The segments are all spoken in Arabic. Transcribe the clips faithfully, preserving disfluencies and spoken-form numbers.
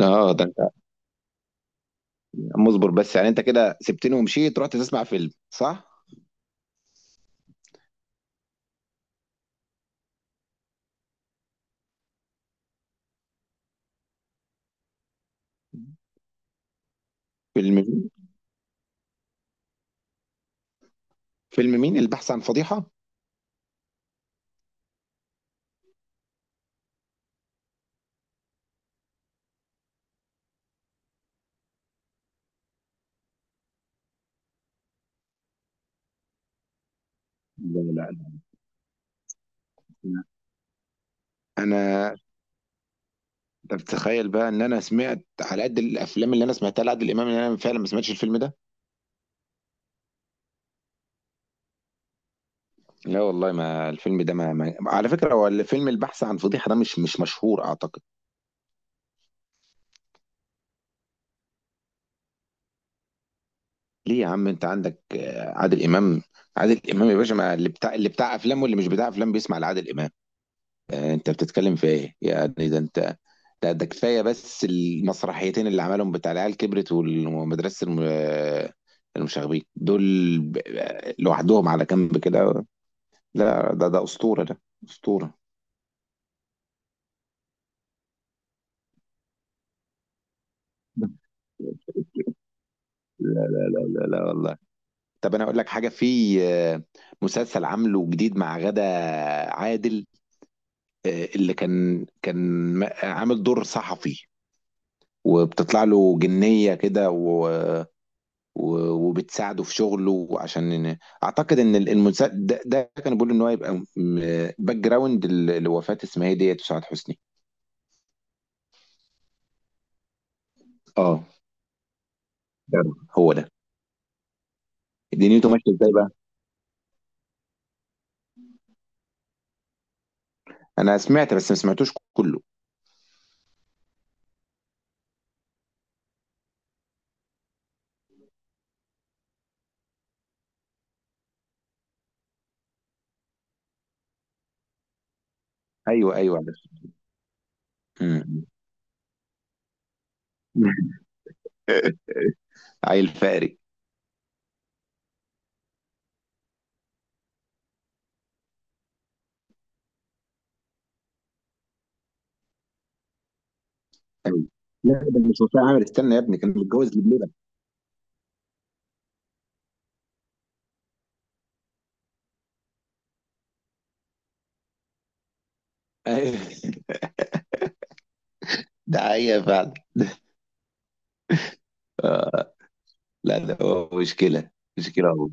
اه، ده انت يعني مصبر، بس يعني انت كده سبتني ومشيت، رحت تسمع فيلم، صح؟ فيلم مين؟ فيلم مين؟ البحث عن فضيحة؟ لا، لا، لا. انا انت بتتخيل بقى ان انا سمعت على قد الافلام اللي انا سمعتها لعادل امام ان انا فعلا ما سمعتش الفيلم ده. لا والله، ما الفيلم ده ما, ما... على فكره، هو الفيلم البحث عن فضيحه ده مش مش مشهور اعتقد. ليه يا عم؟ انت عندك آه، عادل امام. عادل امام يا باشا، ما اللي بتاع اللي بتاع افلام واللي مش بتاع افلام بيسمع لعادل امام. آه، انت بتتكلم في ايه؟ يعني ده انت، ده, ده كفايه بس المسرحيتين اللي عملهم بتاع العيال كبرت ومدرسه الم... آه، المشاغبين دول، ب- آه، لوحدهم على جنب كده. لا ده ده اسطوره ده، اسطوره. لا، لا، لا، لا، لا والله. طب انا اقول لك حاجه في آه، مسلسل عامله جديد مع غادة، عادل، آه، اللي كان كان م- عامل دور صحفي، وبتطلع له جنيه كده و و- وبتساعده في شغله عشان إن- اعتقد ان ال- المسا... ده, ده كان بيقول ان هو يبقى باك جراوند ل- لوفاة اسمها ايه ديت وسعاد حسني. اه تمام، هو ده. دنيته ماشيه ازاي بقى؟ انا سمعت بس ما سمعتوش كله. ايوه، ايوه، عارف. أمم. عيل فقري. أيوة. لا ده مش وفاء عامر، استنى يا ابني، كان متجوز لبلبة. أيوة، ده حقيقة فعلا. لا ده هو مشكلة، مشكلة هو.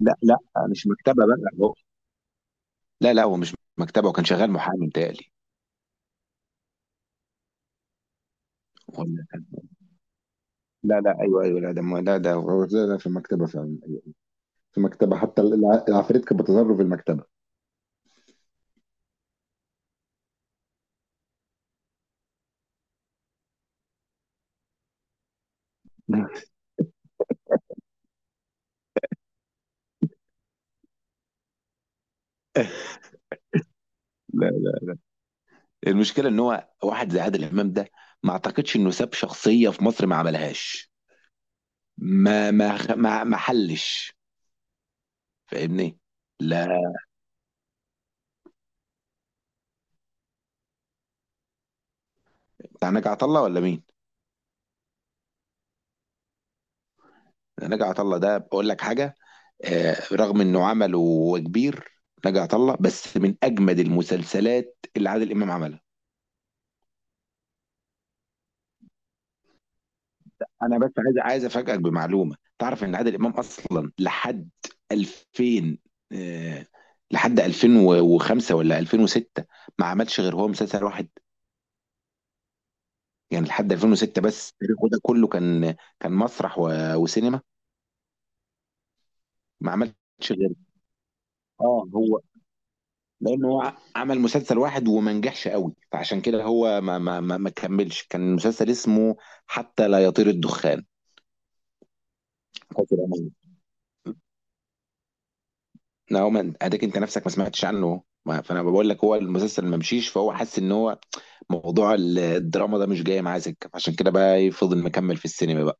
لا لا، مش مكتبة بقى، هو لا لا، هو مش مكتبة وكان شغال محامي متهيألي. لا لا، ايوه ايوه، لا ده م- لا ده هو ده ده في المكتبه فعلا. أيوة، في المكتبه، حتى الع- العفاريت كانت بتظهر له في المكتبه. لا، لا، المشكله ان هو واحد زي عادل امام ده ما اعتقدش انه ساب شخصيه في مصر ما عملهاش، ما ما خ- ما, ما حلش. فاهمني؟ لا، بتاع نجع عطا الله ولا مين؟ نجع عطا الله ده بقول لك حاجه، آه رغم انه عمل وكبير، نجع عطا الله بس من اجمد المسلسلات اللي عادل امام عملها. انا بس عايز عايز افاجئك بمعلومه، تعرف ان عادل امام اصلا لحد ألفين، آه، لحد ألفين وخمسة ولا ألفين وستة ما عملش غير هو مسلسل واحد. يعني لحد ألفين وستة بس، تاريخه ده كله كان كان مسرح و- وسينما. ما عملش غير، اه هو لانه هو ع- عمل مسلسل واحد وما نجحش قوي، فعشان كده هو ما ما ما ما كملش. كان مسلسل اسمه حتى لا يطير الدخان، فاكر؟ هو ما اديك انت نفسك ما سمعتش عنه، ما فانا بقول لك هو المسلسل ما مشيش، فهو حس ان هو موضوع ال- الدراما ده مش جاي معاه سكه، فعشان كده بقى إيه، فضل مكمل في السينما بقى.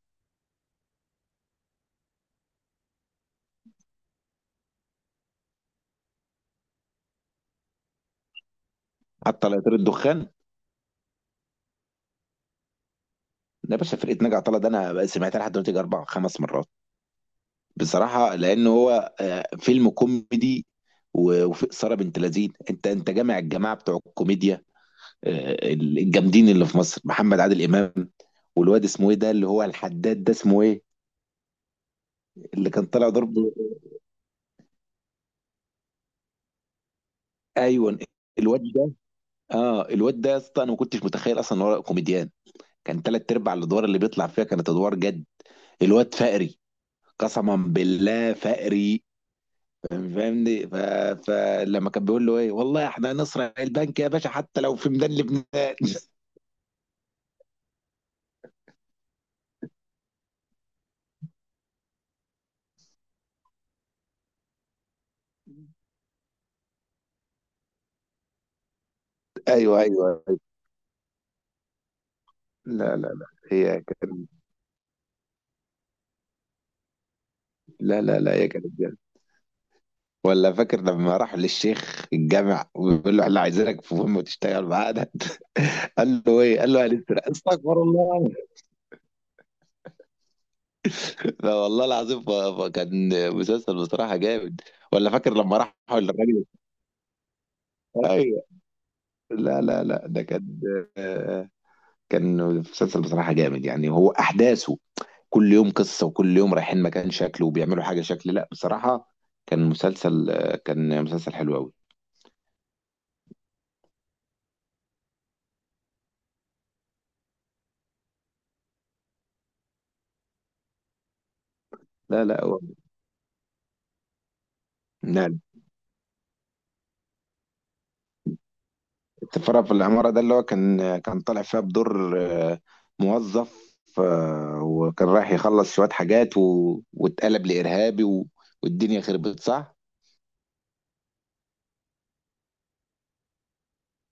حتى لا يطير الدخان. ده يا باشا فرقه ناجي عطا الله، ده انا بقى سمعتها لحد دلوقتي اربع خمس مرات بصراحه، لان هو آه، فيلم كوميدي و- وفي اثاره بنت لذين، انت انت جامع الجماعه بتوع الكوميديا آه، الجامدين اللي في مصر، محمد، عادل امام، والواد اسمه ايه ده اللي هو الحداد، ده اسمه ايه اللي كان طالع ضرب؟ ايوه، الواد ده. اه الواد ده يا اسطى، انا ما كنتش متخيل اصلا ان هو كوميديان. كان تلات ارباع الادوار اللي بيطلع فيها كانت ادوار جد. الواد فقري، قسما بالله فقري، فاهم- فاهمني. ف... فلما كان بيقول له ايه، والله احنا هنسرق البنك يا باشا حتى لو في ميدان لبنان. ايوه، ايوه، أيوة. لا لا لا، هي كانت، لا لا لا، هي كانت جامدة. ولا فاكر لما راح للشيخ الجامع وبيقول له احنا عايزينك في مهمه تشتغل معانا، قال له ايه؟ قال له هنسرق، استغفر الله. لا والله العظيم، ف- ف- كان مسلسل بصراحة جامد. ولا فاكر لما راح للراجل؟ ايوه. لا لا لا، ده كان آه، كان مسلسل بصراحة جامد، يعني هو أحداثه كل يوم قصة، وكل يوم رايحين مكان شكل وبيعملوا حاجة شكل. لا بصراحة كان مسلسل آه، كان مسلسل حلو أوي. لا لا هو، لا لا. السفارة في العمارة ده اللي هو كان كان طالع فيها بدور آه، موظف آه، وكان رايح يخلص شوية حاجات، و... واتقلب لإرهابي، و... والدنيا خربت، صح؟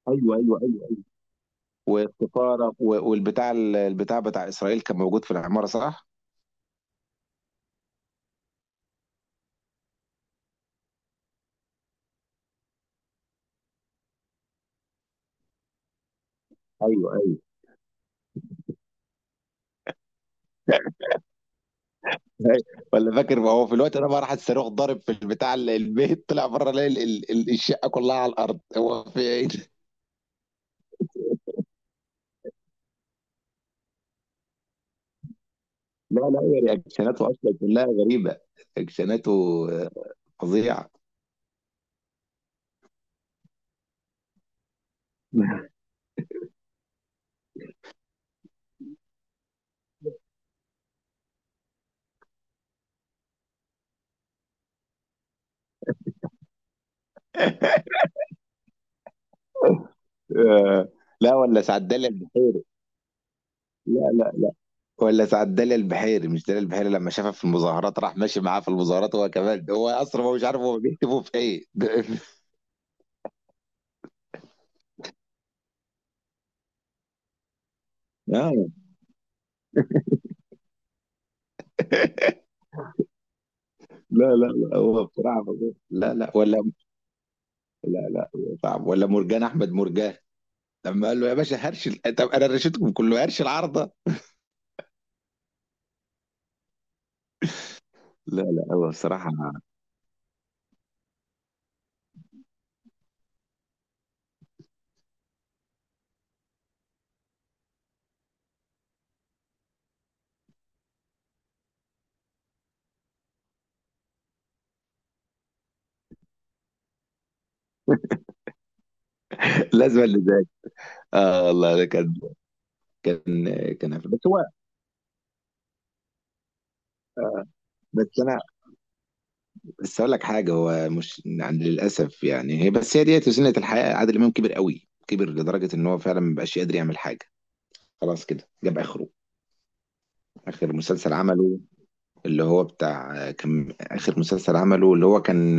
ايوه ايوه ايوه. والسفاره و- والبتاع ال- البتاع بتاع اسرائيل كان موجود في العماره، صح؟ ايوه، ايوه. أيوة. ولا فاكر ما هو في الوقت ده بقى راح الصاروخ ضارب في البتاع ال- البيت، طلع بره لقى ال- ال- ال- الشقه كلها على الارض، هو في ايه ده؟ لا لا، هي رياكشناته اصلا كلها غريبه، رياكشناته آه، فظيعه. آه، لا ولا سعد دالي الب- لا، لا، ولا سعد دالي البحيري، مش دالي البحيري، لما شافها في المظاهرات راح ماشي معاه في المظاهرات، هو كمان، هو اصلا هو مش عارف هو بيكتبوا في ايه. لا لا لا، هو بصراحة فظيع. لا لا ولا، لا لا هو صعب. ولا مرجان أحمد مرجان لما قال له يا باشا هرش ال- طب أنا رشيتكم كله، هرش العارضة. لا لا هو الصراحة. لازم اللي زي، اه والله ده كان، كان كان بس هو بس انا بس اقول لك حاجه. هو مش يعني للاسف، يعني هي بس، هي ديت سنه الحياه، عادل امام كبر قوي، كبر لدرجه ان هو فعلا ما بقاش يقدر يعمل حاجه، خلاص كده جاب اخره. اخر مسلسل عمله اللي هو بتاع، كان آخر مسلسل عمله اللي هو كان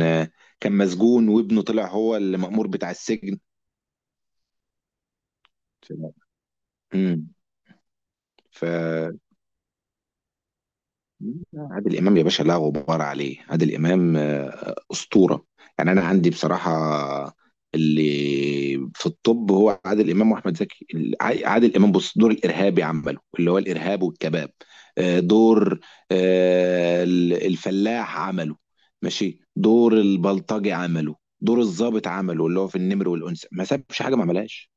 كان مسجون وابنه طلع هو المأمور بتاع السجن. امم. ف عادل امام يا باشا لا غبار عليه، عادل امام آه، اسطوره. يعني انا عندي بصراحه اللي في الطب هو عادل امام واحمد زكي. الع- عادل امام بص، دور الارهابي عمله اللي هو الارهاب والكباب، آه، دور آه، ال- الفلاح عمله ماشي، دور البلطجي عمله، دور الضابط عمله اللي هو في النمر والانثى، ما سابش حاجه ما عملهاش.